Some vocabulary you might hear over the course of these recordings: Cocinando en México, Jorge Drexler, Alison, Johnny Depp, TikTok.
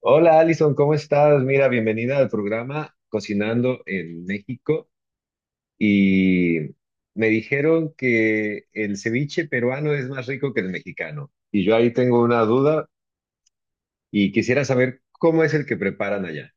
Hola Alison, ¿cómo estás? Mira, bienvenida al programa Cocinando en México. Y me dijeron que el ceviche peruano es más rico que el mexicano. Y yo ahí tengo una duda y quisiera saber cómo es el que preparan allá.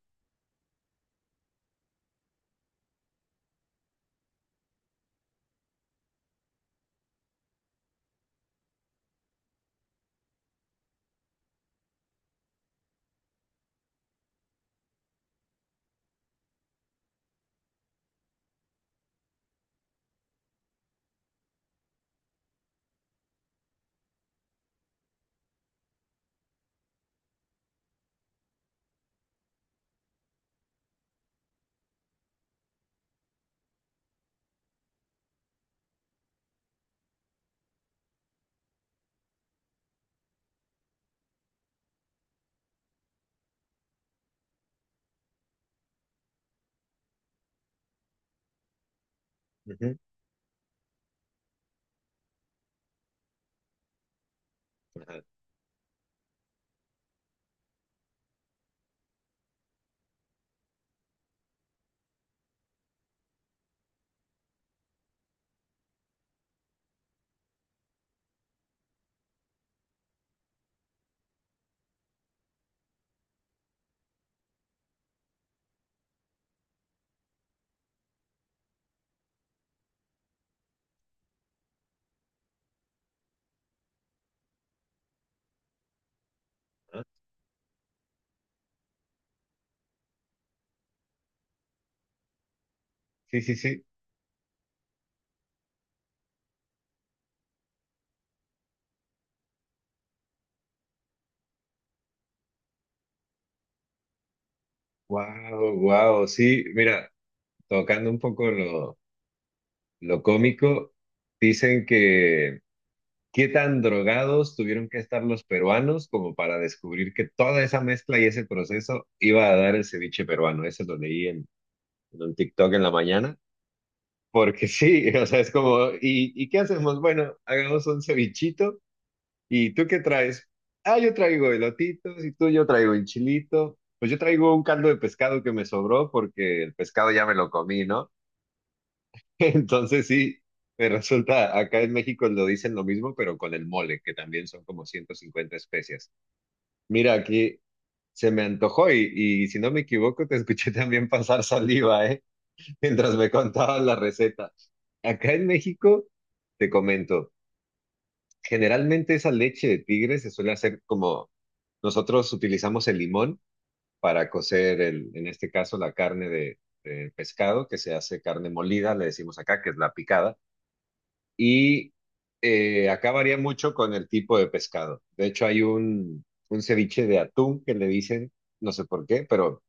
Ujú, ajá, ajá. Sí, sí, sí. Wow, wow. Sí, mira, tocando un poco lo cómico, dicen que ¿qué tan drogados tuvieron que estar los peruanos como para descubrir que toda esa mezcla y ese proceso iba a dar el ceviche peruano? Eso lo leí en un TikTok en la mañana, porque sí, o sea, es como, ¿y qué hacemos? Bueno, hagamos un cevichito, ¿y tú qué traes? Ah, yo traigo elotitos, y tú yo traigo el chilito, pues yo traigo un caldo de pescado que me sobró porque el pescado ya me lo comí, ¿no? Entonces sí, me resulta, acá en México lo dicen lo mismo, pero con el mole, que también son como 150 especias. Mira, aquí se me antojó y si no me equivoco, te escuché también pasar saliva, ¿eh? Mientras me contaban la receta. Acá en México, te comento, generalmente esa leche de tigre se suele hacer como nosotros utilizamos el limón para cocer, el, en este caso, la carne de pescado, que se hace carne molida, le decimos acá, que es la picada y acá varía mucho con el tipo de pescado. De hecho, hay un ceviche de atún que le dicen, no sé por qué, pero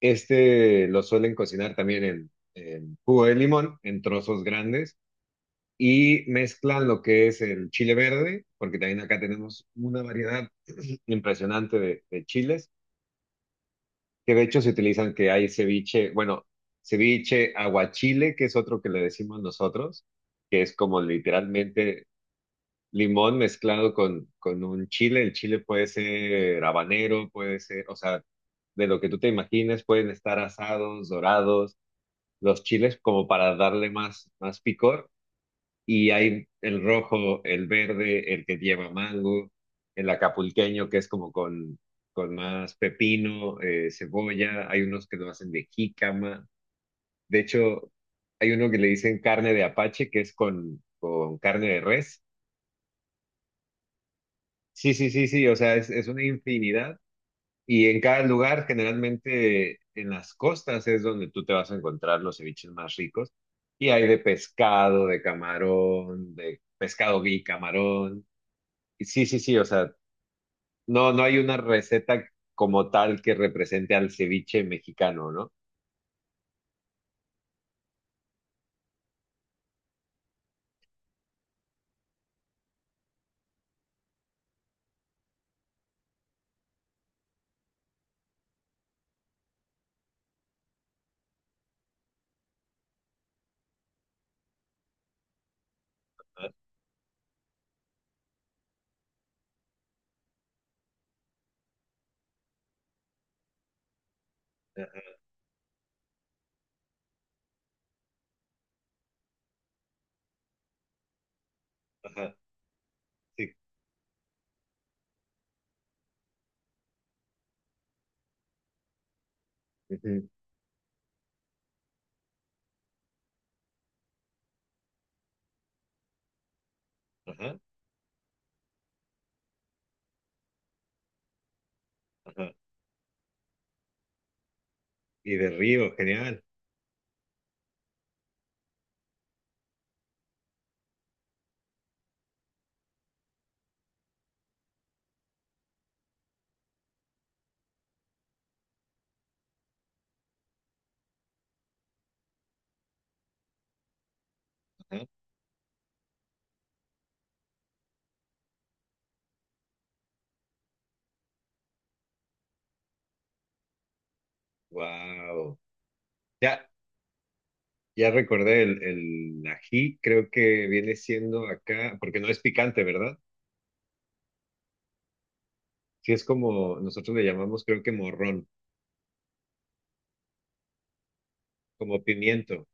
este lo suelen cocinar también en jugo de limón, en trozos grandes, y mezclan lo que es el chile verde, porque también acá tenemos una variedad impresionante de chiles, que de hecho se utilizan, que hay ceviche, bueno, ceviche aguachile, que es otro que le decimos nosotros, que es como literalmente limón mezclado con un chile. El chile puede ser habanero, puede ser, o sea, de lo que tú te imagines, pueden estar asados, dorados, los chiles como para darle más, más picor. Y hay el rojo, el verde, el que lleva mango, el acapulqueño que es como con más pepino, cebolla. Hay unos que lo hacen de jícama. De hecho, hay uno que le dicen carne de apache, que es con carne de res. Sí, sí, sí, sí, o sea, es una infinidad y en cada lugar, generalmente en las costas es donde tú te vas a encontrar los ceviches más ricos y hay de pescado, de camarón, de pescado gui, camarón. Y sí, sí, sí, o sea, no, no hay una receta como tal que represente al ceviche mexicano, ¿no? Ajá, sí. Ujú, ajá, ajá. Y de río, genial. Ajá. Wow. Ya recordé, el ají creo que viene siendo acá, porque no es picante, ¿verdad? Sí es como nosotros le llamamos, creo que morrón, como pimiento.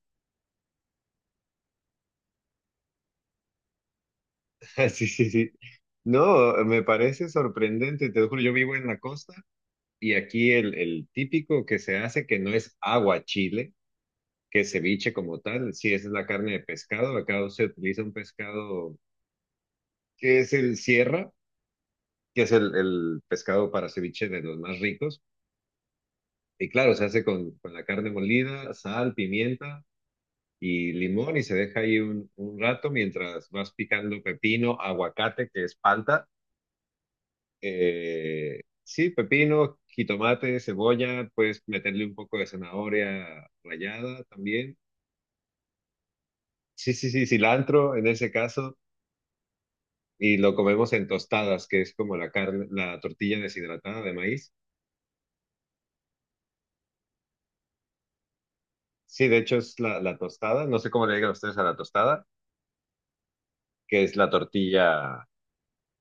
Ah, sí, sí, sí. No, me parece sorprendente, te lo juro, yo vivo en la costa y aquí el típico que se hace, que no es aguachile, que es ceviche como tal, sí, esa es la carne de pescado, acá se utiliza un pescado que es el sierra, que es el pescado para ceviche de los más ricos. Y claro, se hace con la carne molida, sal, pimienta y limón y se deja ahí un rato mientras vas picando pepino, aguacate, que es palta. Sí, pepino, jitomate, cebolla, puedes meterle un poco de zanahoria rallada también. Sí, sí, sí, cilantro en ese caso. Y lo comemos en tostadas, que es como la carne, la tortilla deshidratada de maíz. Sí, de hecho es la tostada. No sé cómo le digan ustedes a la tostada, que es la tortilla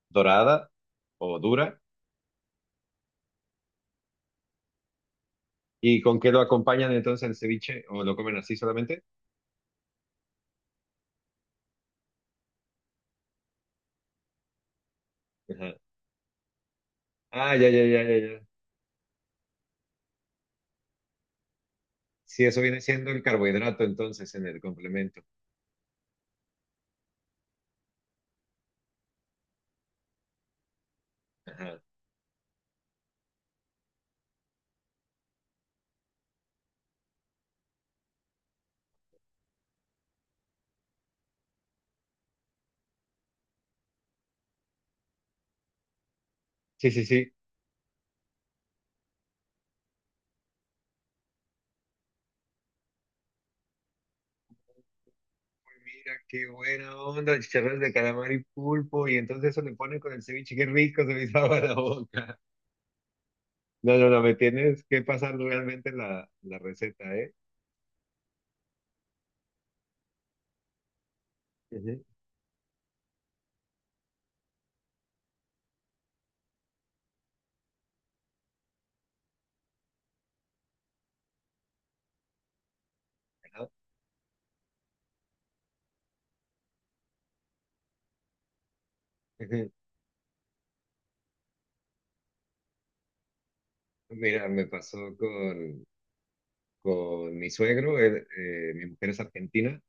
dorada o dura. ¿Y con qué lo acompañan entonces el ceviche? ¿O lo comen así solamente? Ajá. Ah, ya, ya, ya, ya, ya. Sí, eso viene siendo el carbohidrato entonces en el complemento. Ajá. Sí, sí, sí. Uy, mira, qué buena onda, chicharrones de calamar y pulpo, y entonces eso le ponen con el ceviche, qué rico, se me hizo la boca. No, no, no, me tienes que pasar realmente la receta, ¿eh? Ujú. Ajá. Ujú. Mira, me pasó con mi suegro, mi mujer es argentina,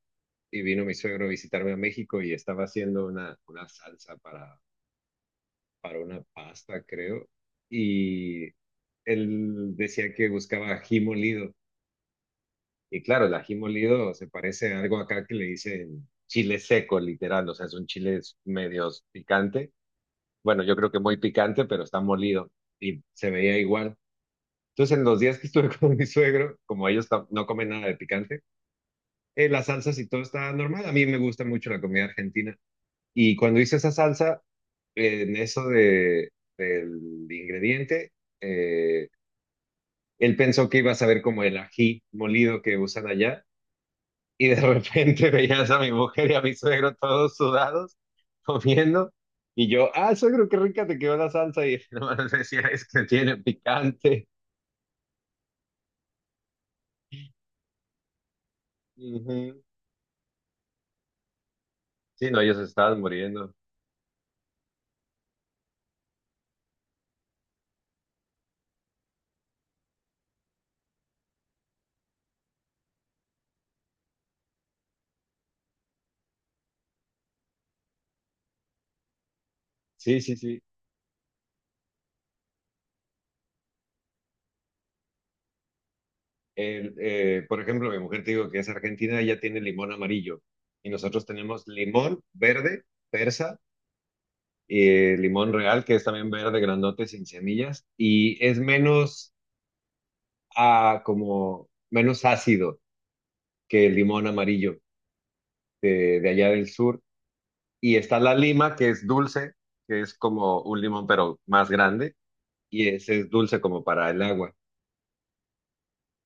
y vino mi suegro a visitarme a México y estaba haciendo una salsa para una pasta, creo, y él decía que buscaba ají molido. Y claro, el ají molido se parece a algo acá que le dicen chile seco, literal, o sea, son chiles medios picante. Bueno, yo creo que muy picante, pero está molido y se veía igual. Entonces, en los días que estuve con mi suegro, como ellos tam- no comen nada de picante, las salsas y todo está normal. A mí me gusta mucho la comida argentina. Y cuando hice esa salsa, en eso de, del ingrediente, eh, él pensó que iba a saber como el ají molido que usan allá. Y de repente veías a mi mujer y a mi suegro todos sudados, comiendo. Y yo, ah, suegro, qué rica te quedó la salsa. Y nomás decía, es que tiene picante. Ujú. Sí, no, ellos estaban muriendo. Sí, sí, sí. Por ejemplo, mi mujer te digo que es argentina, ella tiene limón amarillo y nosotros tenemos limón verde, persa, limón real, que es también verde, grandote, sin semillas, y es menos, ah, como, menos ácido que el limón amarillo de allá del sur. Y está la lima, que es dulce, que es como un limón, pero más grande, y ese es dulce como para el agua,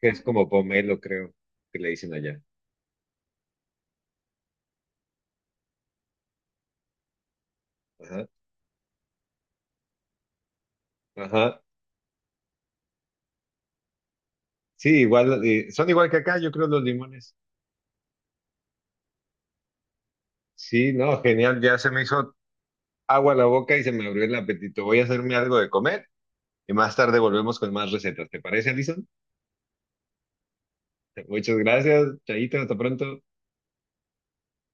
que es como pomelo, creo, que le dicen allá. Ajá, ajá. Sí, igual, son igual que acá, yo creo los limones. Sí, no, genial, ya se me hizo agua la boca y se me abrió el apetito. Voy a hacerme algo de comer y más tarde volvemos con más recetas. ¿Te parece, Alison? Muchas gracias, Chaito, hasta pronto.